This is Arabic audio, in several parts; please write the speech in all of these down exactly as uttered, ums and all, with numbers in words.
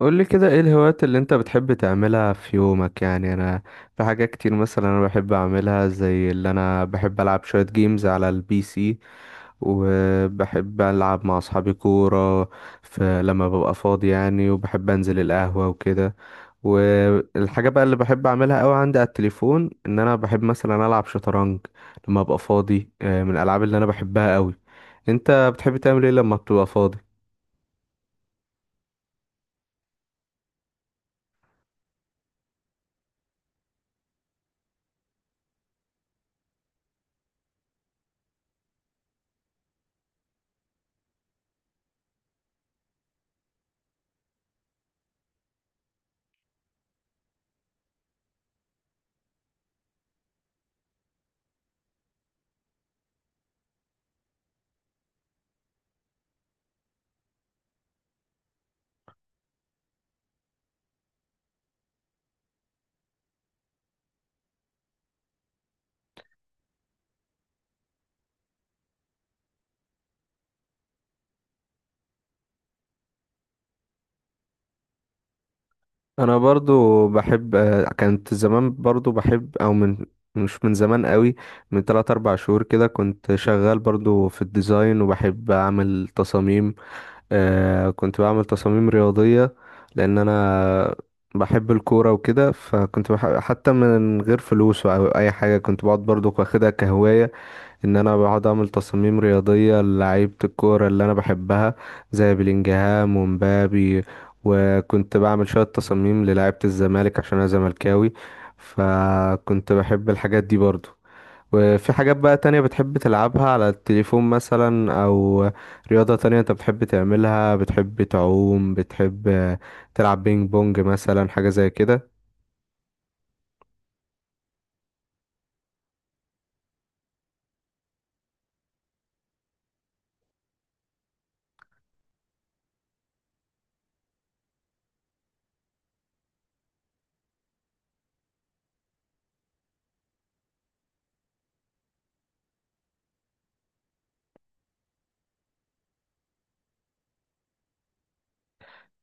قولي كده، ايه الهوايات اللي انت بتحب تعملها في يومك يعني؟ انا في حاجات كتير مثلا انا بحب اعملها، زي اللي انا بحب العب شوية جيمز على البي سي، وبحب العب مع اصحابي كورة في لما ببقى فاضي يعني. وبحب انزل القهوة وكده. والحاجة بقى اللي بحب اعملها قوي عندي على التليفون ان انا بحب مثلا العب شطرنج لما ابقى فاضي، آه، من الالعاب اللي انا بحبها قوي. انت بتحب تعمل ايه لما بتبقى فاضي؟ انا برضو بحب، آه، كانت زمان برضو بحب او من، مش من زمان قوي، من ثلاثة اربعة شهور كده كنت شغال برضو في الديزاين وبحب اعمل تصاميم. آه كنت بعمل تصاميم رياضية لان انا بحب الكورة وكده، فكنت بحب حتى من غير فلوس او اي حاجة. كنت بقعد برضو واخدها كهواية ان انا بقعد اعمل تصاميم رياضيه للعيبه الكوره اللي انا بحبها زي بلينجهام ومبابي. وكنت بعمل شويه تصاميم للعيبه الزمالك عشان انا زملكاوي، فكنت بحب الحاجات دي برضو. وفي حاجات بقى تانية بتحب تلعبها على التليفون مثلا، أو رياضة تانية أنت بتحب تعملها؟ بتحب تعوم؟ بتحب تلعب بينج بونج مثلا حاجة زي كده؟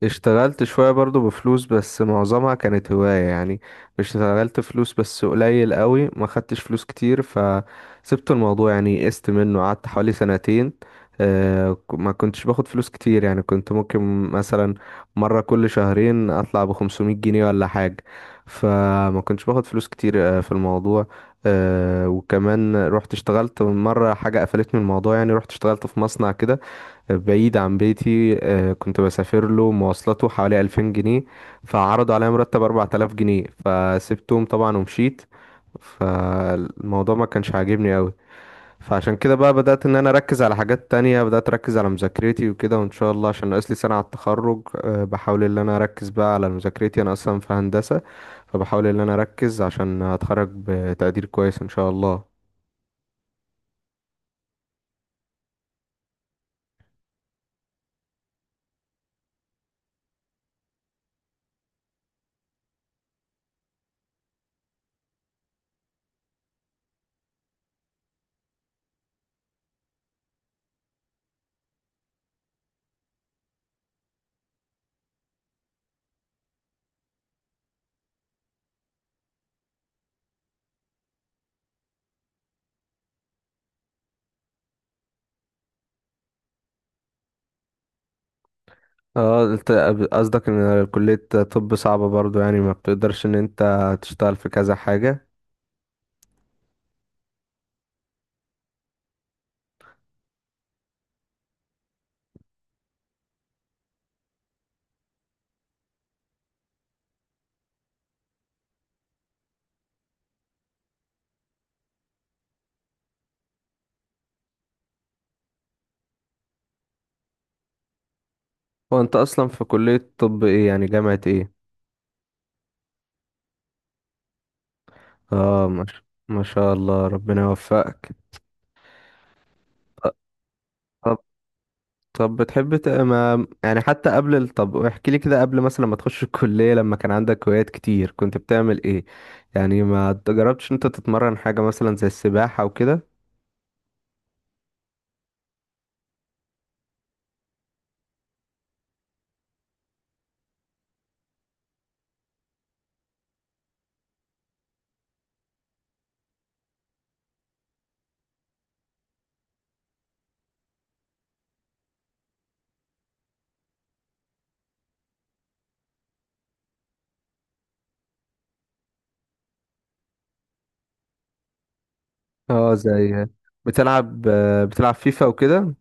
اشتغلت شوية برضو بفلوس، بس معظمها كانت هواية يعني. مش اشتغلت فلوس، بس قليل قوي ما خدتش فلوس كتير فسبت الموضوع يعني، قست منه، قعدت حوالي سنتين. آه، ك- ما كنتش باخد فلوس كتير يعني، كنت ممكن مثلا مرة كل شهرين اطلع بخمسمية جنيه ولا حاجة، فما كنتش باخد فلوس كتير آه، في الموضوع. آه، وكمان رحت اشتغلت مرة حاجة قفلتني من الموضوع يعني، رحت اشتغلت في مصنع كده بعيد عن بيتي، آه، كنت بسافر له مواصلاته حوالي ألفين جنيه، فعرضوا عليا مرتب أربعة آلاف جنيه فسبتهم طبعا ومشيت. فالموضوع ما كانش عاجبني قوي، فعشان كده بقى بدأت ان انا اركز على حاجات تانية. بدأت اركز على مذاكرتي وكده، وان شاء الله عشان ناقص لي سنة على التخرج، آه، بحاول ان انا اركز بقى على مذاكرتي. انا اصلا في هندسة، فبحاول ان انا اركز عشان اتخرج بتقدير كويس ان شاء الله. اه انت قصدك ان كلية طب صعبة برضو، يعني ما بتقدرش ان انت تشتغل في كذا حاجة؟ هو انت اصلا في كلية طب ايه يعني؟ جامعة ايه؟ اه، ما شاء، ما شاء الله، ربنا يوفقك. طب، طب بتحب ت- ما يعني حتى قبل ال- طب احكي لي كده، قبل مثلا ما تخش الكلية لما كان عندك هوايات كتير كنت بتعمل ايه؟ يعني ما جربتش انت تتمرن حاجة مثلا زي السباحة وكده؟ اه زي، بتلعب، بتلعب فيفا وكده؟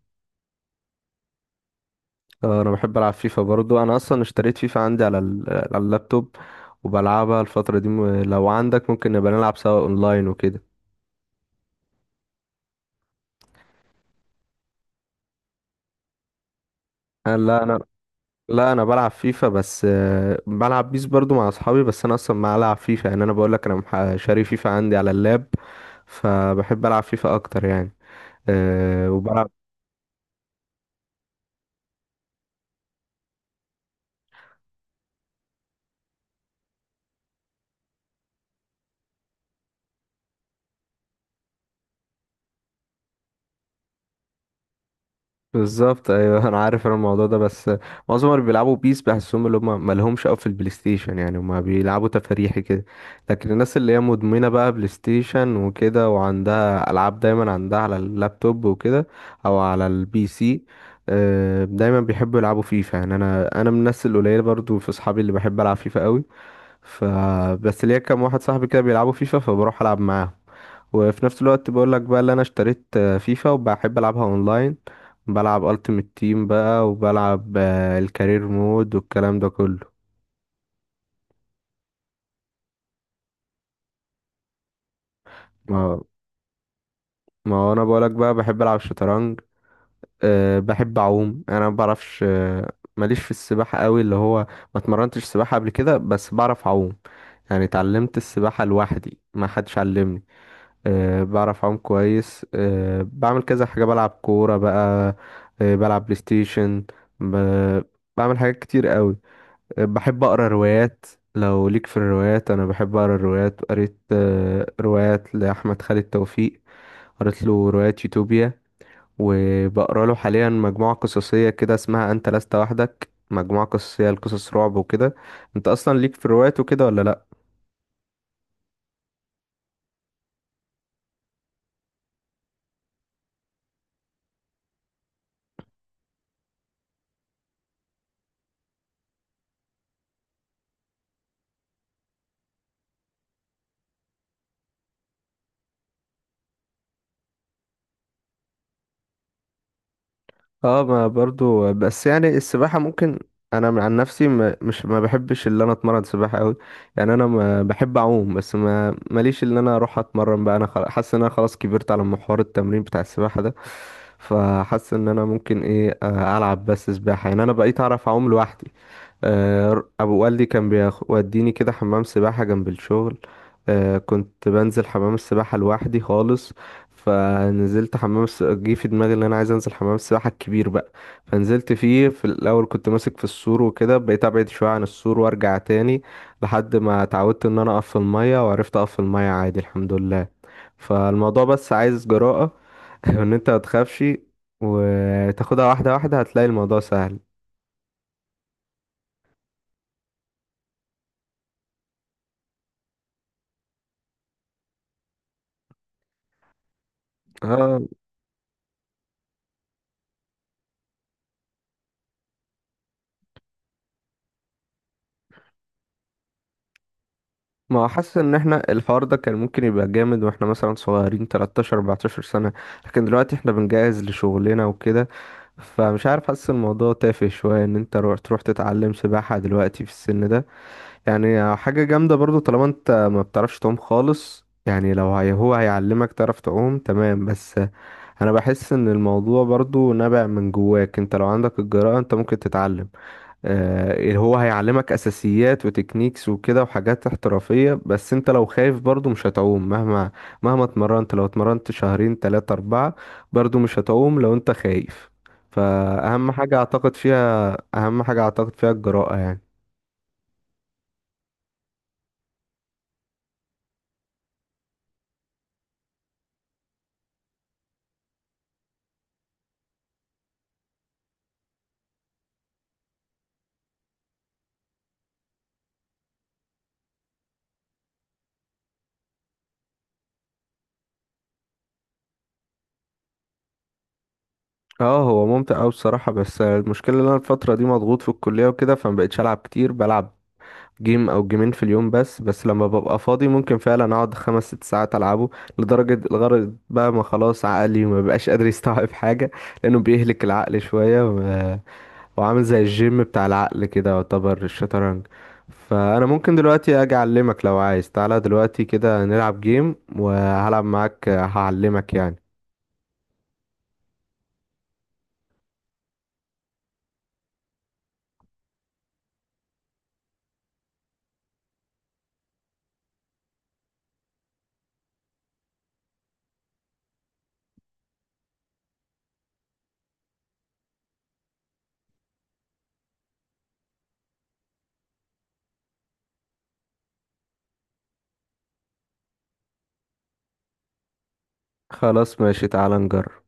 آه، انا بحب العب فيفا برضو، انا اصلا اشتريت فيفا عندي على ال- على اللابتوب، وبلعبها الفترة دي. م- لو عندك ممكن نبقى نلعب سوا اونلاين وكده. انا، لا انا، لا انا بلعب فيفا بس. آه، بلعب بيس برضو مع اصحابي، بس انا اصلا ما العب فيفا يعني، انا بقول لك انا مح- شاري فيفا عندي على اللاب، فبحب العب فيفا اكتر يعني. أه وبلعب بالظبط، ايوه انا عارف انا الموضوع ده. بس معظم اللي بيلعبوا بيس بحسهم اللي هم مالهمش قوي في البلاي ستيشن يعني، هم بيلعبوا تفاريحي كده. لكن الناس اللي هي مدمنه بقى بلاي ستيشن وكده، وعندها العاب دايما عندها على اللابتوب وكده او على البي سي، آه، دايما بيحبوا يلعبوا فيفا يعني. انا انا من الناس القليله برضو في اصحابي اللي بحب العب فيفا قوي، فبس ليا كام واحد صاحبي كده بيلعبوا فيفا فبروح العب معاهم. وفي نفس الوقت بقول لك بقى اللي انا اشتريت آه، فيفا وبحب العبها اونلاين، بلعب التيمت تيم بقى وبلعب آه، الكارير مود والكلام ده كله. ما ما هو انا بقول لك بقى بحب العب شطرنج. أه بحب اعوم يعني، انا ما بعرفش، آه، ماليش في السباحة قوي، اللي هو ما اتمرنتش سباحة قبل كده، بس بعرف اعوم يعني، اتعلمت السباحة لوحدي، ما حدش علمني. أه بعرف أعوم كويس. أه بعمل كذا حاجة، بلعب كورة بقى، أه بلعب بلاي ستيشن، ب... بعمل حاجات كتير قوي. أه بحب أقرأ روايات. لو ليك في الروايات، أنا بحب أقرأ الروايات. قريت أه روايات لأحمد خالد توفيق، قريت له رواية يوتوبيا، وبقرأ له حاليا مجموعة قصصية كده اسمها أنت لست وحدك، مجموعة قصصية لقصص رعب وكده. أنت أصلا ليك في الروايات وكده ولا لأ؟ اه ما برضو، بس يعني السباحة ممكن، انا من عن نفسي ما مش ما بحبش اللي انا اتمرن سباحة قوي. يعني انا ما بحب اعوم، بس ما ماليش اللي انا اروح اتمرن بقى. انا خلا- حاسس ان انا خلاص كبرت على محور التمرين بتاع السباحة ده، فحاسس ان انا ممكن ايه، آه، العب بس سباحة يعني. انا بقيت اعرف اعوم لوحدي، آه، ابو والدي كان بيوديني كده حمام سباحة جنب الشغل، آه، كنت بنزل حمام السباحة لوحدي خالص. فنزلت حمام الس... جه في دماغي ان انا عايز انزل حمام السباحة الكبير بقى. فنزلت فيه، في الاول كنت ماسك في السور وكده، بقيت ابعد شوية عن السور وارجع تاني لحد ما اتعودت ان انا اقف في المية، وعرفت اقف في المية عادي الحمد لله. فالموضوع بس عايز جراءة وان انت متخافش، وتاخدها واحدة واحدة هتلاقي الموضوع سهل. اه، ما هو حاسس ان احنا الحوار ده كان ممكن يبقى جامد واحنا مثلا صغيرين تلتاشر أربعة عشر سنة، لكن دلوقتي احنا بنجهز لشغلنا وكده، فمش عارف، حاسس الموضوع تافه شوية ان انت رو- تروح تتعلم سباحة دلوقتي في السن ده. يعني حاجة جامدة برضو طالما انت ما بتعرفش تعوم خالص يعني، لو هي هو هيعلمك تعرف تعوم تمام. بس انا بحس ان الموضوع برضو نابع من جواك، انت لو عندك الجرأة انت ممكن تتعلم، آه، اللي هو هيعلمك اساسيات وتكنيكس وكده وحاجات احترافية. بس انت لو خايف برضو مش هتعوم مهما مهما اتمرنت، لو اتمرنت شهرين تلاتة اربعة برضو مش هتعوم لو انت خايف. فاهم حاجة اعتقد فيها، اهم حاجة اعتقد فيها الجراءة يعني. اه هو ممتع اوي بصراحة، بس المشكلة ان انا الفترة دي مضغوط في الكلية وكده، فمبقتش العب كتير. بلعب جيم او جيمين في اليوم بس، بس لما ببقى فاضي ممكن فعلا اقعد خمس ست ساعات العبه، لدرجة الغرض بقى ما خلاص عقلي ما بقاش قادر يستوعب حاجة لانه بيهلك العقل شوية و... وعامل زي الجيم بتاع العقل كده يعتبر الشطرنج. فانا ممكن دلوقتي اجي اعلمك لو عايز، تعالى دلوقتي كده نلعب جيم وهلعب معاك هعلمك يعني. خلاص ماشي، تعالى نجرب.